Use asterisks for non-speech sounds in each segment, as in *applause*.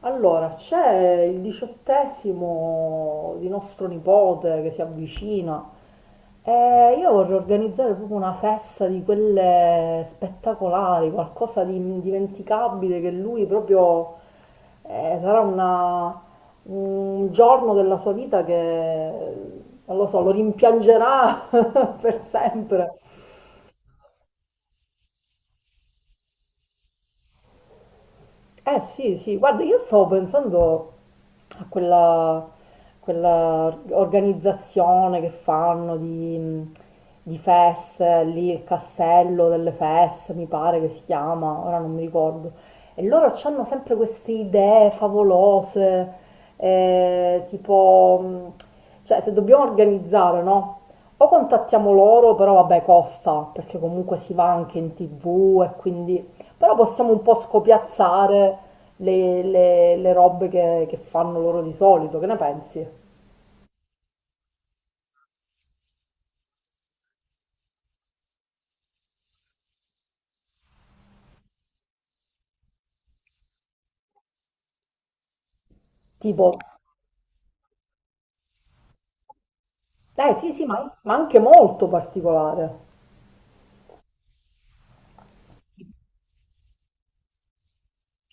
Allora, c'è il diciottesimo di nostro nipote che si avvicina e io vorrei organizzare proprio una festa di quelle spettacolari, qualcosa di indimenticabile che lui proprio eh, sarà una- un giorno della sua vita che, non lo so, lo rimpiangerà *laughs* per sempre. Eh sì, sì, guarda, io stavo pensando a quella organizzazione che fanno di feste, lì il castello delle feste, mi pare che si chiama, ora non mi ricordo. E loro hanno sempre queste idee favolose, eh, tipo, mh, cioè se dobbiamo organizzare, no? O contattiamo loro, però vabbè costa, perché comunque si va anche in TV e quindi... Però possiamo un po' scopiazzare le robe che fanno loro di solito, che ne pensi? Tipo, eh sì sì, ma anche molto particolare.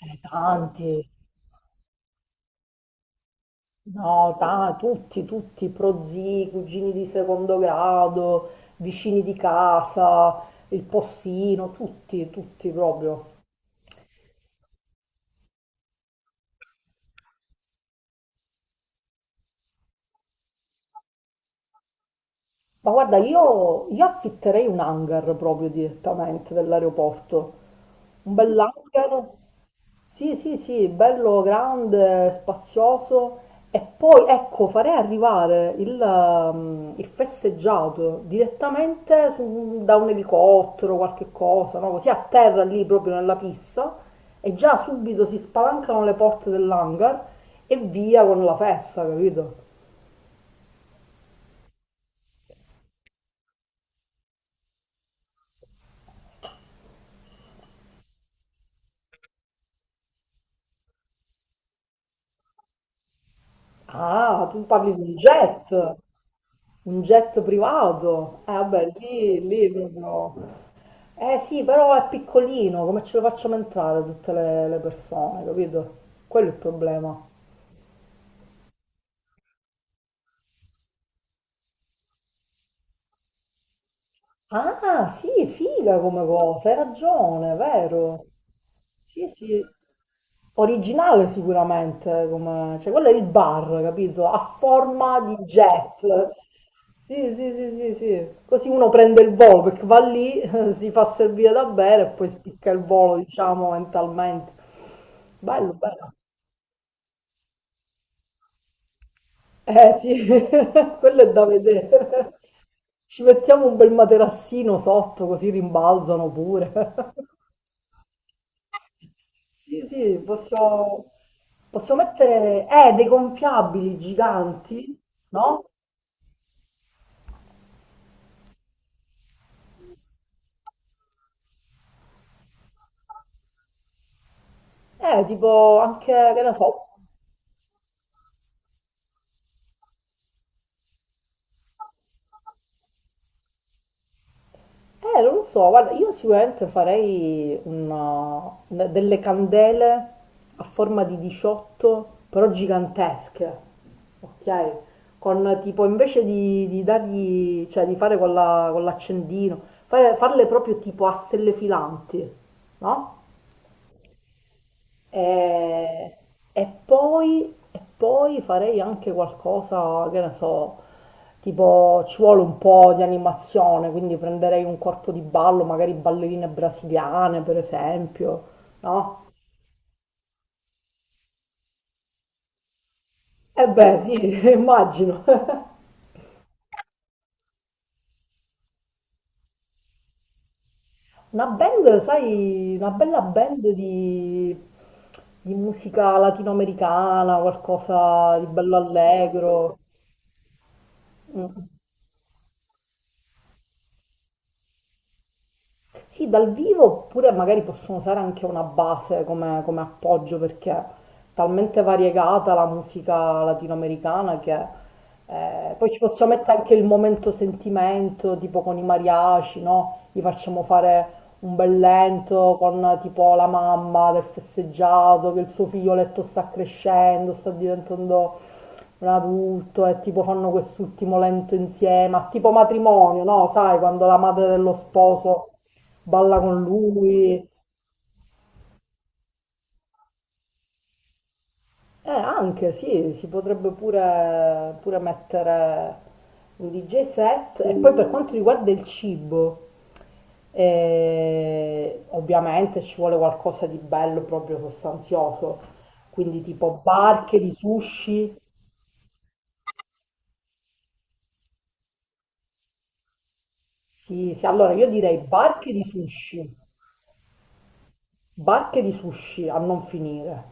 Tanti, no, tutti, tutti, prozii, cugini di secondo grado, vicini di casa, il postino, tutti, tutti proprio. Ma guarda, io affitterei un hangar proprio direttamente dell'aeroporto. Un bel hangar, sì, sì, sì, bello grande, spazioso, e poi ecco farei arrivare il festeggiato direttamente da un elicottero, qualche cosa, no? Così a terra lì proprio nella pista, e già subito si spalancano le porte dell'hangar e via con la festa, capito? Ah, tu parli di un jet privato. Eh vabbè, lì, lì proprio... Eh sì, però è piccolino, come ce lo facciamo entrare tutte le persone, capito? Quello è il problema. Ah, sì, figa come cosa, hai ragione, vero? Sì, sì. Originale sicuramente, come... cioè quello è il bar, capito? A forma di jet. Sì, sì, sì, sì, sì. Così uno prende il volo perché va lì, *laughs* si fa servire da bere e poi spicca il volo, diciamo, mentalmente. Bello, bello. Eh sì, *laughs* quello è da vedere. Ci mettiamo un bel materassino sotto così rimbalzano pure. *laughs* Sì, sì, posso mettere dei gonfiabili giganti, no? Tipo anche, che ne so, eh, non lo so, guarda, io sicuramente farei delle candele a forma di 18, però gigantesche, ok? Con tipo, invece di dargli, cioè di fare con con l'accendino, farle proprio tipo a stelle filanti, no? E, e poi farei anche qualcosa, che ne so, tipo ci vuole un po' di animazione, quindi prenderei un corpo di ballo, magari ballerine brasiliane per esempio, no? E beh, sì, *laughs* immagino. *laughs* Una band, sai, una bella band di musica latinoamericana, qualcosa di bello allegro. Mm. Sì, dal vivo oppure magari possono usare anche una base come, come appoggio perché è talmente variegata la musica latinoamericana che poi ci possiamo mettere anche il momento sentimento, tipo con i mariachi, no? Gli facciamo fare un bel lento con tipo la mamma del festeggiato, che il suo figlioletto sta crescendo, sta diventando un adulto, e tipo fanno quest'ultimo lento insieme, a tipo matrimonio, no? Sai, quando la madre dello sposo balla con lui. Anche sì, si potrebbe pure mettere un DJ set. E poi per quanto riguarda il cibo, ovviamente ci vuole qualcosa di bello, proprio sostanzioso. Quindi tipo barche di sushi. Sì, sì, allora io direi barche di sushi a non finire.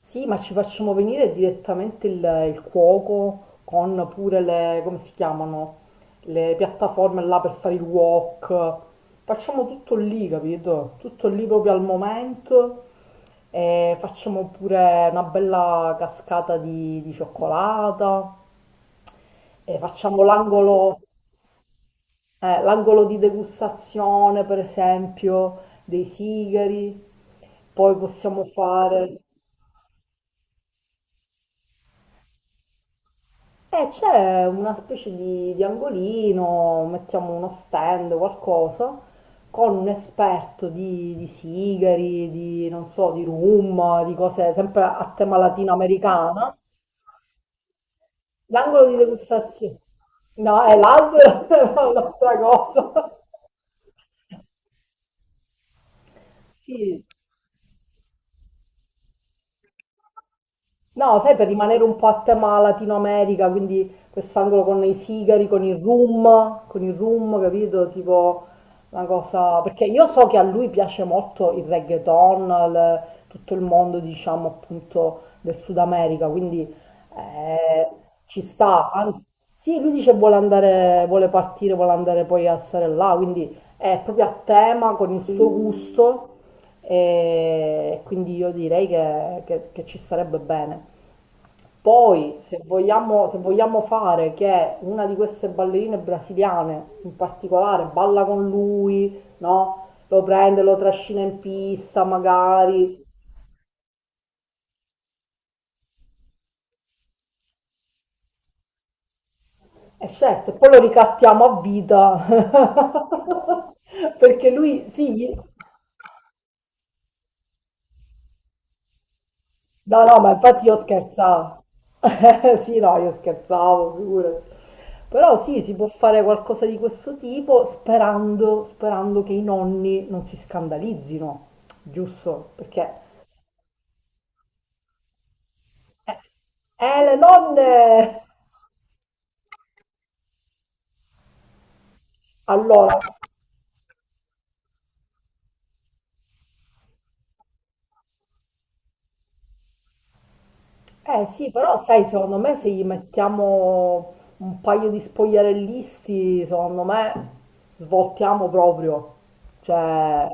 Sì, ma ci facciamo venire direttamente il cuoco con pure le, come si chiamano, le piattaforme là per fare il wok. Facciamo tutto lì, capito? Tutto lì proprio al momento, e facciamo pure una bella cascata di cioccolata e facciamo l'angolo di degustazione, per esempio, dei sigari. Poi possiamo fare... E c'è una specie di angolino, mettiamo uno stand, qualcosa, con un esperto di sigari, di non so, di rum, di cose sempre a tema latinoamericana. L'angolo di degustazione. No, è l'albero, *laughs* è un'altra cosa. Sì, no, sai, per rimanere un po' a tema Latino America, quindi quest'angolo con i sigari, con il rum, capito? Tipo una cosa... Perché io so che a lui piace molto il reggaeton, il- tutto il mondo, diciamo, appunto, del Sud America, quindi eh, ci sta. Anzi, sì, lui dice vuole andare, vuole partire, vuole andare poi a stare là, quindi è proprio a tema con il suo gusto, e quindi io direi che ci starebbe bene. Poi, se vogliamo, se vogliamo fare che una di queste ballerine brasiliane in particolare balla con lui, no? Lo prende, lo trascina in pista magari, e certo, e poi lo ricattiamo a vita. *laughs* Perché lui, sì, no, no, ma infatti io scherzavo. *laughs* Sì, no, io scherzavo, figurati. Però sì, si può fare qualcosa di questo tipo sperando, sperando che i nonni non si scandalizzino, giusto? Perché, eh, le nonne! Allora, eh sì, però sai, secondo me se gli mettiamo un paio di spogliarellisti, secondo me svoltiamo proprio. Cioè...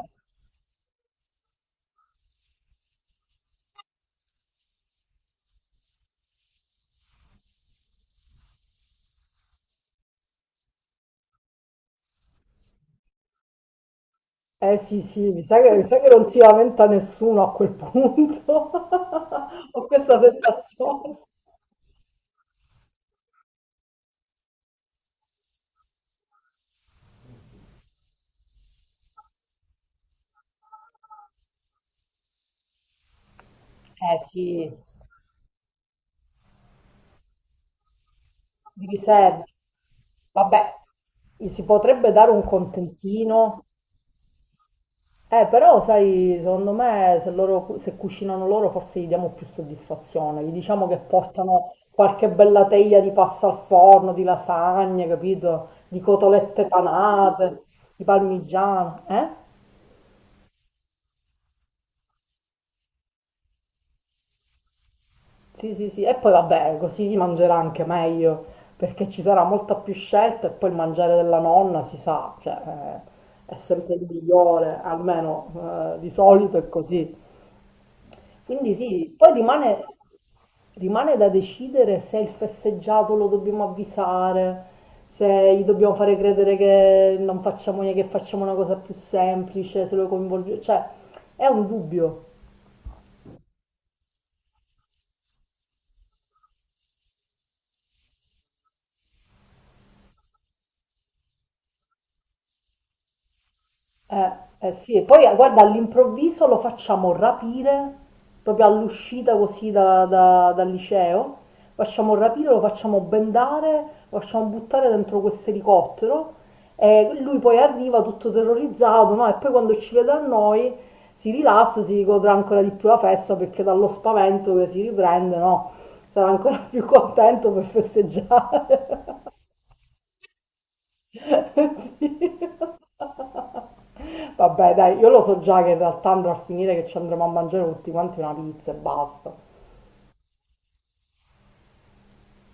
Eh sì, sì, mi sa che non si lamenta nessuno a quel punto. *laughs* Ho questa sensazione. Eh sì, di riserva. Vabbè, gli si potrebbe dare un contentino. Però, sai, secondo me se loro, se cucinano loro forse gli diamo più soddisfazione. Gli diciamo che portano qualche bella teglia di pasta al forno, di lasagne, capito? Di cotolette panate, di parmigiano, eh? Sì, sì, sì, e poi vabbè, così si mangerà anche meglio, perché ci sarà molta più scelta, e poi il mangiare della nonna si sa, cioè, è sempre il migliore, almeno di solito è così. Quindi sì, poi rimane, rimane da decidere se il festeggiato lo dobbiamo avvisare, se gli dobbiamo fare credere che non facciamo niente, che facciamo una cosa più semplice, se lo coinvolgiamo, cioè, è un dubbio. Eh, eh sì, e poi guarda, all'improvviso lo facciamo rapire, proprio all'uscita così dal liceo, facciamo rapire, lo facciamo bendare, lo facciamo buttare dentro questo elicottero, e lui poi arriva tutto terrorizzato, no? E poi quando ci vede a noi si rilassa, si godrà ancora di più la festa perché dallo spavento che si riprende, no? Sarà ancora *laughs* più contento per festeggiare. *laughs* Sì. Vabbè, dai, io lo so già che in realtà andrò a finire che ci andremo a mangiare tutti quanti una pizza e basta.